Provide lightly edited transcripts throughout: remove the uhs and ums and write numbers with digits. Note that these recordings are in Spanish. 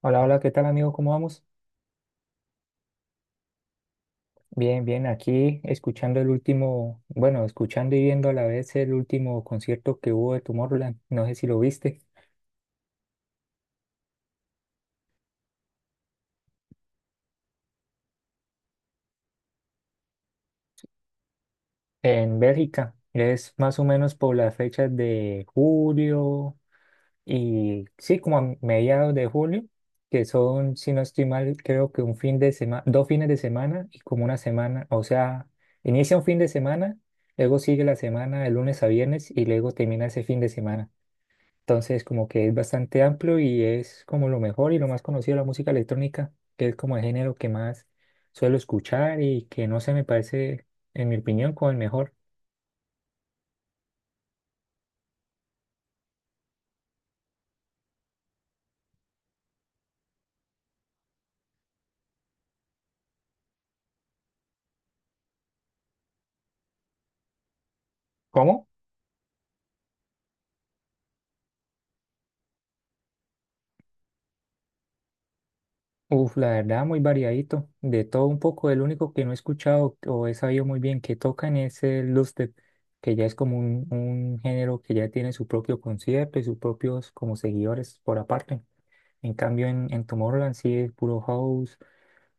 Hola, hola, ¿qué tal amigo? ¿Cómo vamos? Bien, bien, aquí escuchando el último, bueno, escuchando y viendo a la vez el último concierto que hubo de Tomorrowland, no sé si lo viste, en Bélgica. Es más o menos por las fechas de julio y sí, como a mediados de julio, que son, si no estoy mal, creo que un fin de semana, dos fines de semana y como una semana, o sea, inicia un fin de semana, luego sigue la semana de lunes a viernes y luego termina ese fin de semana. Entonces, como que es bastante amplio y es como lo mejor y lo más conocido de la música electrónica, que es como el género que más suelo escuchar y que no se me parece, en mi opinión, como el mejor. ¿Cómo? Uf, la verdad, muy variadito, de todo un poco. El único que no he escuchado o he sabido muy bien que tocan es el dubstep, que ya es como un género que ya tiene su propio concierto y sus propios como seguidores por aparte. En cambio, en Tomorrowland sí es puro house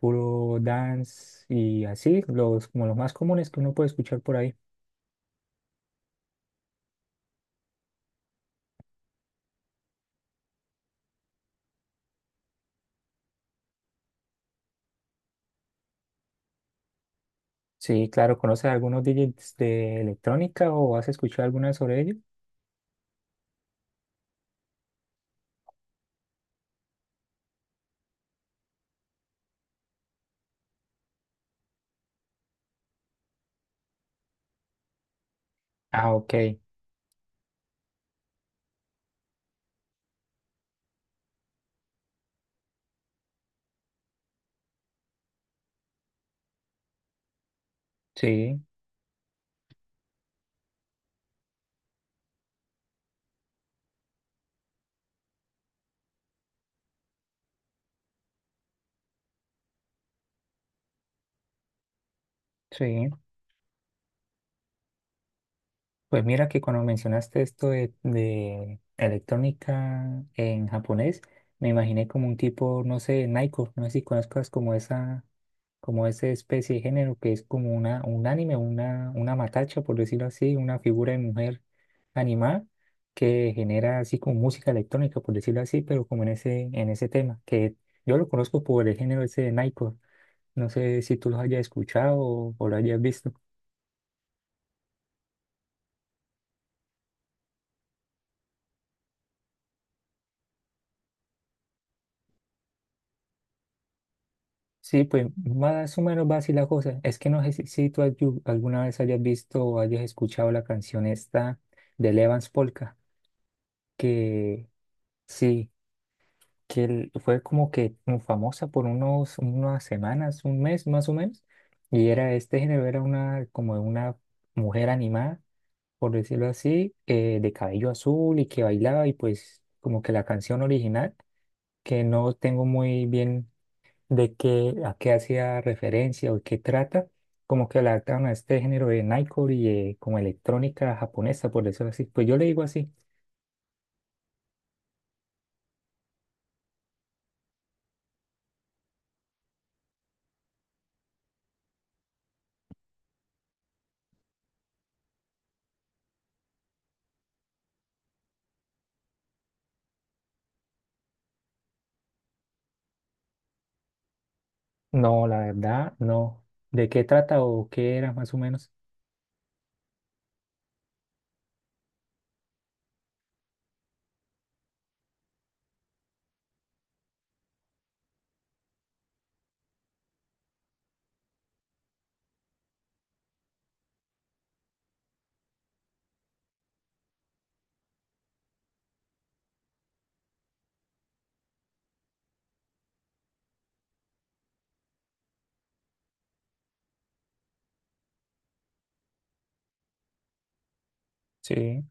puro dance y así, los, como los más comunes que uno puede escuchar por ahí. Sí, claro, ¿conoces algunos DJs de electrónica o has escuchado alguna sobre ellos? Ah, ok, sí, sí. Pues mira que cuando mencionaste esto de electrónica en japonés, me imaginé como un tipo, no sé, Naiko, no sé si conozcas como esa especie de género que es como una, un anime, una matacha, por decirlo así, una figura de mujer animada que genera así como música electrónica, por decirlo así, pero como en ese tema, que yo lo conozco por el género ese de Nightcore. No sé si tú los hayas escuchado o lo hayas visto. Sí, pues más o menos va así la cosa. Es que no sé si, si tú alguna vez hayas visto o hayas escuchado la canción esta de Levance Polka, que sí. Que él fue como que como famosa por unos, unas semanas, un mes más o menos, y era este género, era una como una mujer animada, por decirlo así, de cabello azul y que bailaba y pues como que la canción original, que no tengo muy bien de qué, a qué hacía referencia o qué trata, como que la adaptaron a este género de Nightcore y como electrónica japonesa, por decirlo así, pues yo le digo así, no, la verdad, no, de qué trata o qué era más o menos. Sí,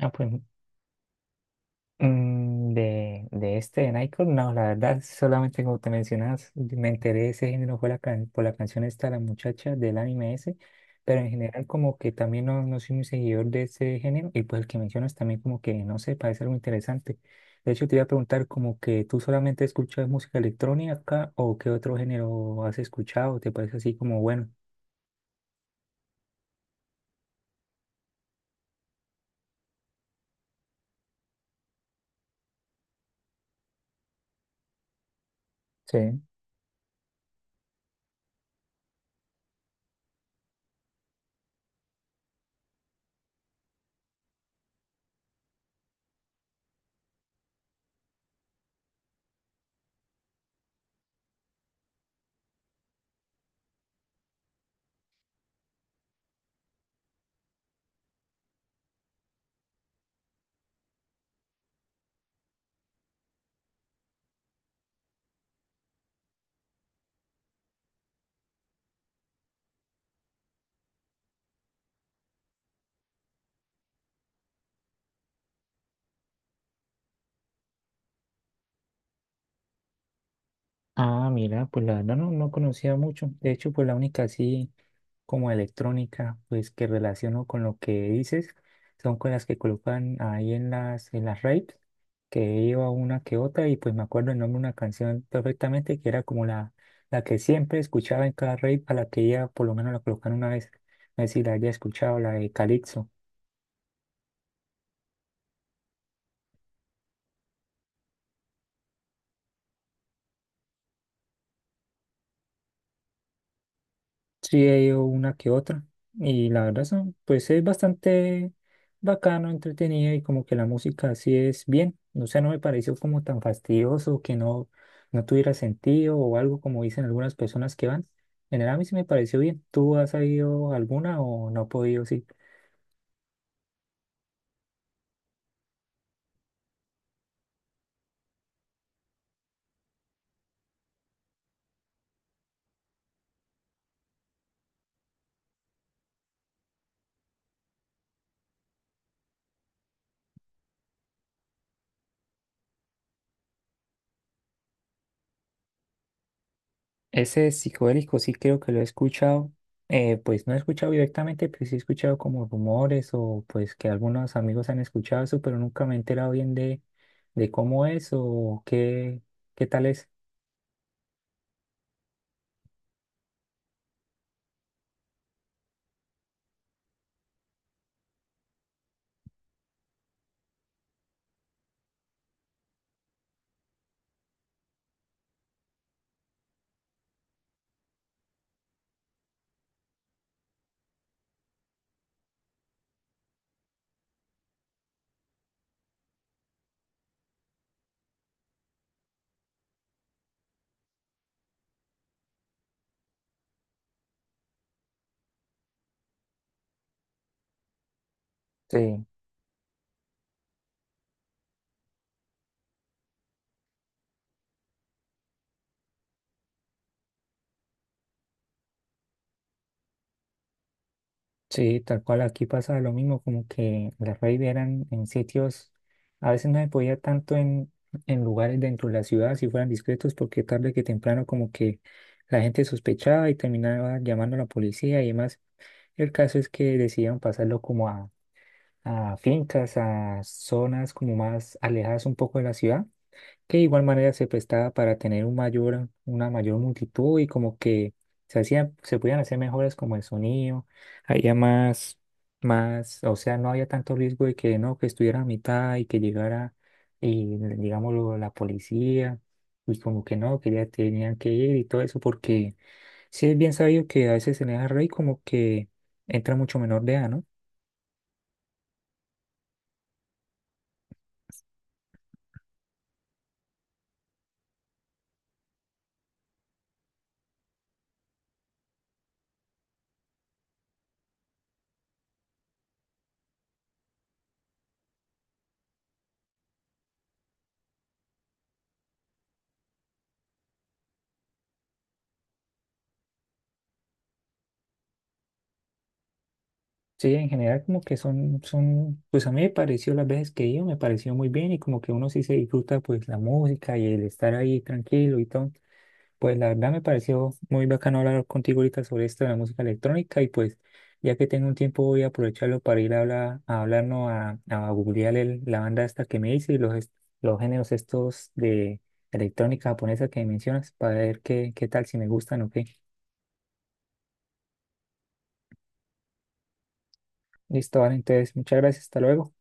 ah, pues de este, de Nightcrawler, no, la verdad, solamente como te mencionas, me enteré de ese género fue la por la canción esta, La Muchacha, del anime ese, pero en general como que también no, no soy muy seguidor de ese género, y pues el que mencionas también como que, no sé, parece algo interesante. De hecho, te iba a preguntar como que tú solamente escuchas música electrónica o qué otro género has escuchado, te parece así como bueno. Sí. Ah, mira, pues la verdad no, no conocía mucho. De hecho, pues la única sí. Como electrónica, pues que relaciono con lo que dices, son con las que colocan ahí en las raves, que iba una que otra, y pues me acuerdo el nombre de una canción perfectamente, que era como la que siempre escuchaba en cada rave, a la que ella por lo menos la colocaron una vez, no sé si la haya escuchado, la de Calypso. Sí, he ido una que otra. Y la verdad son, pues es bastante bacano, entretenido y como que la música sí es bien. No sea, no me pareció como tan fastidioso que no, no tuviera sentido o algo como dicen algunas personas que van. En general a mí sí me pareció bien. ¿Tú has ido alguna o no has podido? Sí. Ese psicodélico sí creo que lo he escuchado, pues no he escuchado directamente, pero sí he escuchado como rumores o pues que algunos amigos han escuchado eso, pero nunca me he enterado bien de cómo es o qué, qué tal es. Sí, sí, tal cual aquí pasa lo mismo, como que las raves eran en sitios, a veces no se podía tanto en lugares dentro de la ciudad si fueran discretos, porque tarde que temprano como que la gente sospechaba y terminaba llamando a la policía y demás. El caso es que decidieron pasarlo como a fincas, a zonas como más alejadas un poco de la ciudad, que de igual manera se prestaba para tener un mayor, una mayor multitud y como que se hacían, se podían hacer mejoras como el sonido, había más, más, o sea, no había tanto riesgo de que no, que estuviera a mitad y que llegara, y digámoslo, la policía, y como que no, que ya tenían que ir y todo eso porque sí, es bien sabido que a veces en esa rey como que entra mucho menor de edad, ¿no? Sí, en general como que son, son, pues a mí me pareció las veces que he ido, me pareció muy bien y como que uno sí se disfruta pues la música y el estar ahí tranquilo y todo. Pues la verdad me pareció muy bacano hablar contigo ahorita sobre esto de la música electrónica y pues ya que tengo un tiempo voy a aprovecharlo para ir a hablar, a hablarnos a googlear la banda esta que me hice y los, los géneros estos de electrónica japonesa que mencionas para ver qué, qué tal, si me gustan o qué. Listo, vale, entonces, muchas gracias, hasta luego.